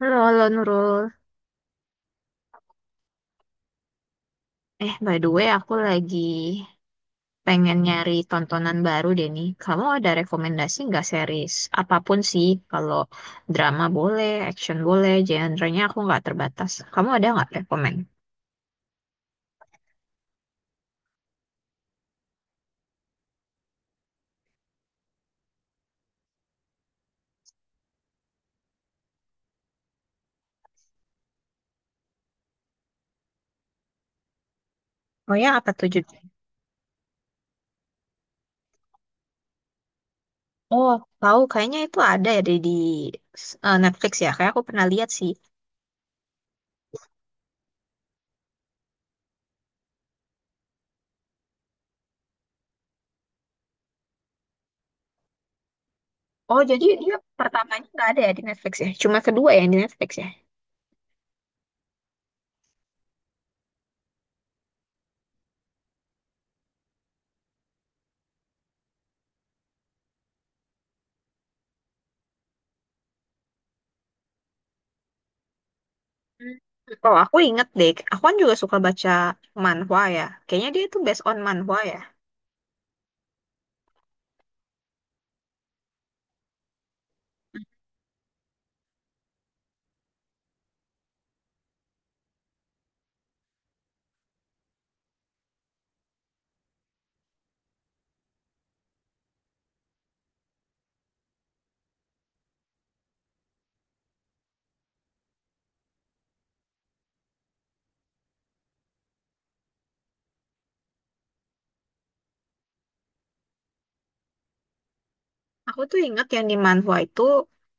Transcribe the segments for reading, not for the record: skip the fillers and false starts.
Halo, halo Nurul. By the way, aku lagi pengen nyari tontonan baru deh nih. Kamu ada rekomendasi nggak series? Apapun sih, kalau drama boleh, action boleh, genre-nya aku nggak terbatas. Kamu ada nggak rekomend? Oh ya, apa tuh judulnya? Oh, tahu. Kayaknya itu ada ya di Netflix ya. Kayak aku pernah lihat sih. Oh, jadi dia pertamanya nggak ada ya di Netflix ya? Cuma kedua ya yang di Netflix ya? Hmm. Oh, aku inget deh. Aku kan juga suka baca manhwa ya. Kayaknya dia itu based on manhwa ya. Aku tuh inget yang di manhwa itu,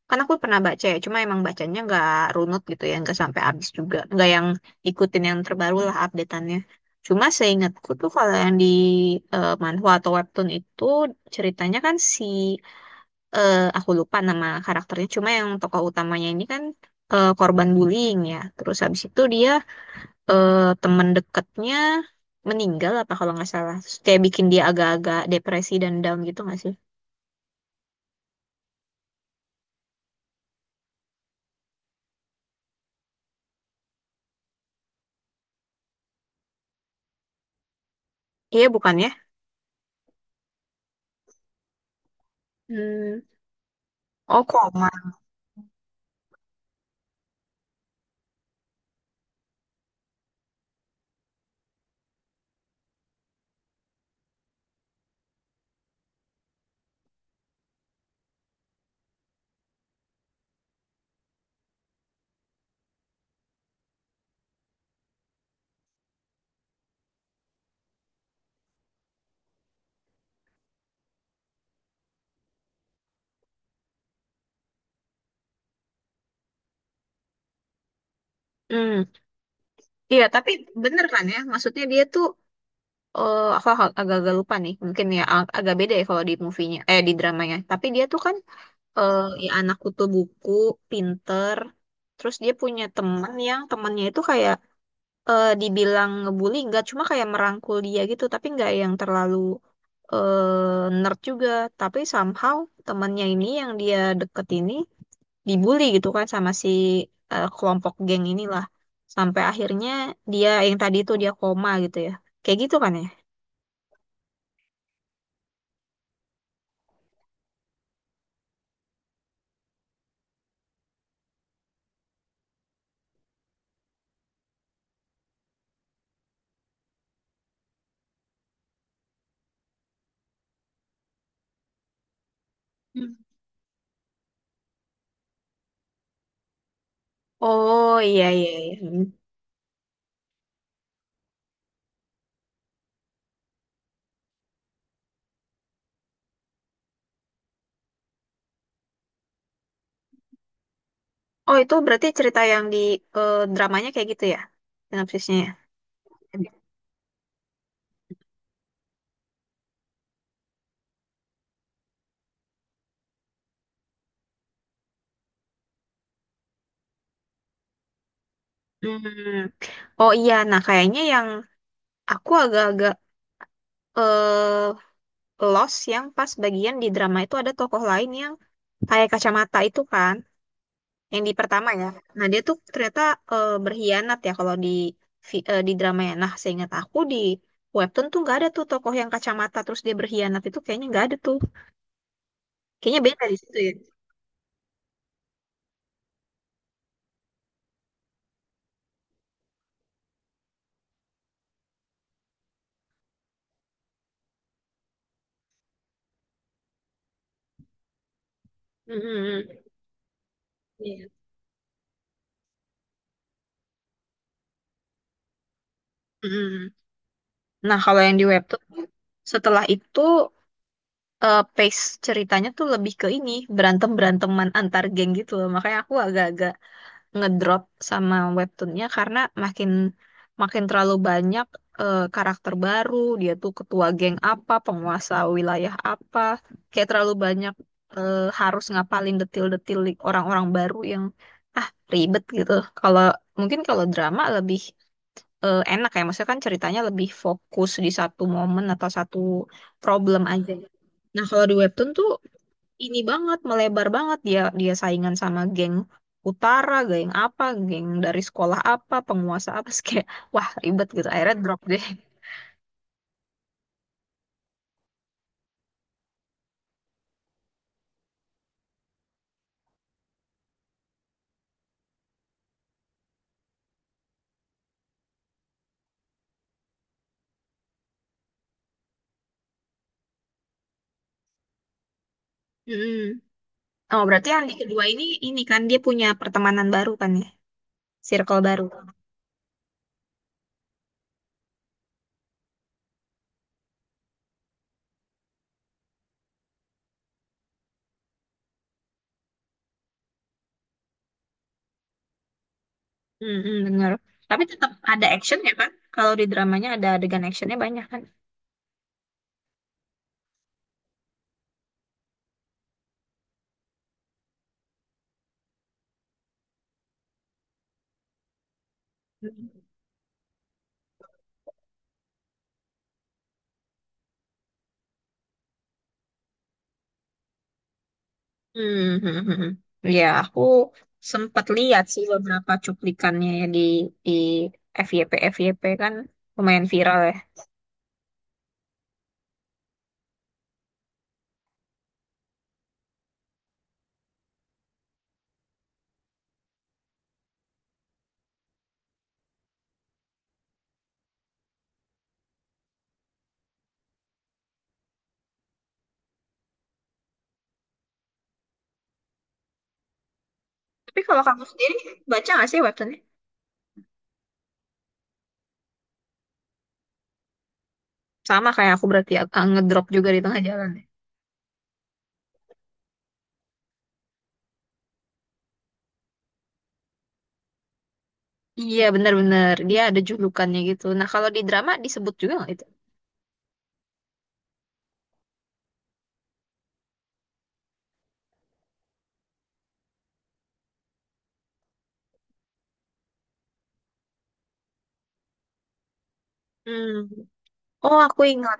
kan aku pernah baca ya, cuma emang bacanya nggak runut gitu ya, nggak sampai habis juga. Nggak yang ikutin yang terbaru lah updateannya. Cuma seingatku tuh kalau yang di manhwa atau webtoon itu ceritanya kan si, aku lupa nama karakternya, cuma yang tokoh utamanya ini kan korban bullying ya. Terus habis itu dia eh, teman dekatnya meninggal apa kalau nggak salah. Terus kayak bikin dia agak-agak depresi dan down gitu nggak sih? Iya bukan ya? Hmm. Oh koma. Hmm. Iya tapi bener kan ya? Maksudnya dia tuh aku agak-agak lupa nih. Mungkin ya agak beda ya kalau di movie-nya, eh di dramanya. Tapi dia tuh kan eh ya anak kutu buku, pinter. Terus dia punya teman yang temannya itu kayak dibilang ngebully nggak cuma kayak merangkul dia gitu tapi nggak yang terlalu nerd juga tapi somehow temannya ini yang dia deket ini dibully gitu kan sama si kelompok geng inilah sampai akhirnya dia yang tadi itu dia koma gitu ya kayak gitu kan ya. Hmm. Oh iya iya iya. Hmm. Oh itu berarti cerita yang di dramanya kayak gitu ya sinopsisnya ya. Hmm. Oh iya, nah kayaknya yang aku agak-agak eh, Lost yang pas bagian di drama itu ada tokoh lain yang pakai kacamata itu kan, yang di pertama ya. Nah, dia tuh ternyata berkhianat ya kalau di di drama ya. Nah, seingat aku di webtoon tuh nggak ada tuh tokoh yang kacamata terus dia berkhianat itu kayaknya nggak ada tuh. Kayaknya beda di situ ya. Mm-mm. Iya. Mm-mm. Nah, kalau yang di webtoon tuh, setelah itu pace ceritanya tuh lebih ke ini berantem beranteman antar geng gitu loh. Makanya aku agak-agak ngedrop sama webtoonnya karena makin makin terlalu banyak karakter baru dia tuh ketua geng apa penguasa wilayah apa kayak terlalu banyak harus ngapalin orang-orang baru yang ah ribet gitu kalau mungkin kalau drama lebih enak ya maksudnya kan ceritanya lebih fokus di satu momen atau satu problem aja. Nah kalau di webtoon tuh ini banget melebar banget dia dia saingan sama geng utara, geng apa, geng dari sekolah apa, penguasa apa, Terus kayak wah ribet gitu. Akhirnya drop deh. Mm-mm. Oh berarti yang di kedua ini kan dia punya pertemanan baru kan ya, circle baru. Mm-mm, bener. Tapi tetap ada action ya kan? Kalau di dramanya ada adegan actionnya banyak kan? Hmm, hmm, hmm. Ya, aku sempat lihat sih beberapa cuplikannya ya di FYP FYP kan lumayan viral ya. Tapi kalau kamu sendiri baca nggak sih webtoonnya? Sama kayak aku berarti ah, ngedrop juga di tengah jalan ya. Iya benar-benar dia ada julukannya gitu. Nah kalau di drama disebut juga nggak itu? Hmm. Oh aku ingat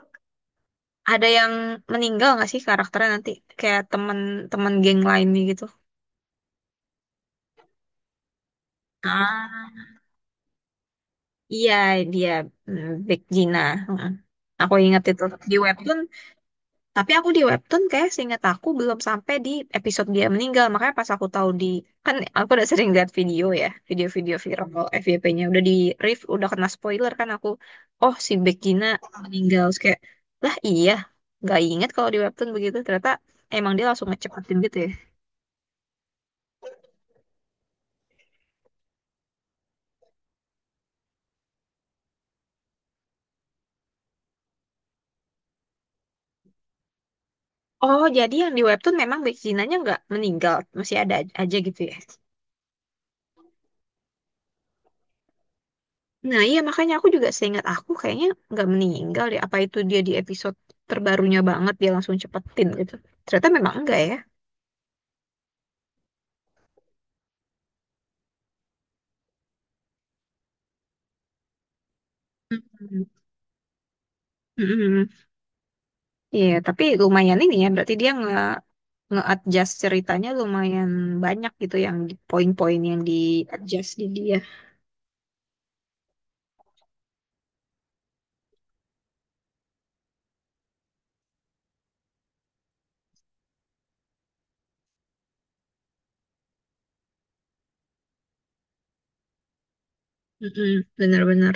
ada yang meninggal nggak sih karakternya nanti kayak teman-teman geng lainnya gitu. Ah iya dia hmm, Big Gina. Mm. Aku ingat itu di webtoon. Tapi aku di webtoon kayak seingat aku belum sampai di episode dia meninggal. Makanya pas aku tahu di kan aku udah sering lihat video ya, video-video viral kalau FYP-nya udah di riff, udah kena spoiler kan aku. Oh, si Begina meninggal. Terus kayak lah iya, nggak inget kalau di webtoon begitu. Ternyata emang dia langsung ngecepatin gitu ya. Oh, jadi yang di webtoon memang Beginanya nggak meninggal, masih ada aja gitu ya. Nah, iya makanya aku juga seingat aku kayaknya nggak meninggal deh. Apa itu dia di episode terbarunya banget dia langsung cepetin gitu. Ternyata memang enggak ya. Mm-mm. Mm-mm. Iya, tapi lumayan ini ya. Berarti dia nge-adjust ceritanya lumayan banyak gitu yang di- poin-poin yang di-adjust di dia. Mm-mm. Benar-benar.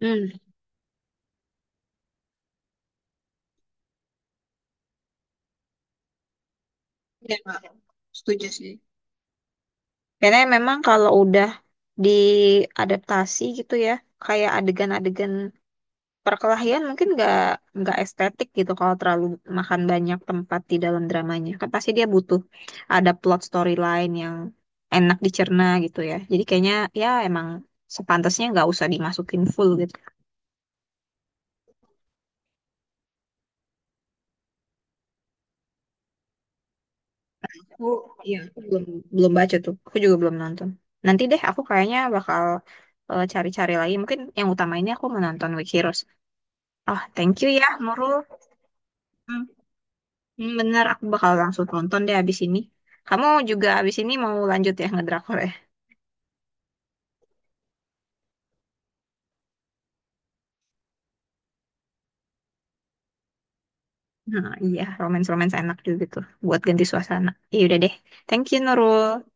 Hmm. Iya, Kak. Setuju sih. Karena memang kalau udah diadaptasi gitu ya, kayak adegan-adegan perkelahian mungkin nggak estetik gitu kalau terlalu makan banyak tempat di dalam dramanya kan pasti dia butuh ada plot storyline yang enak dicerna gitu ya jadi kayaknya ya emang sepantasnya nggak usah dimasukin full gitu. aku iya aku belum belum baca tuh aku juga belum nonton. Nanti deh aku kayaknya bakal cari-cari lagi mungkin yang utama ini aku menonton Weak Heroes. Oh thank you ya Nurul. Hmm, hmm, bener aku bakal langsung nonton deh abis ini. Kamu juga abis ini mau lanjut ya ngedrakor ya? Nah, iya, romance-romance enak juga tuh buat ganti suasana. Iya udah deh. Thank you, Nurul.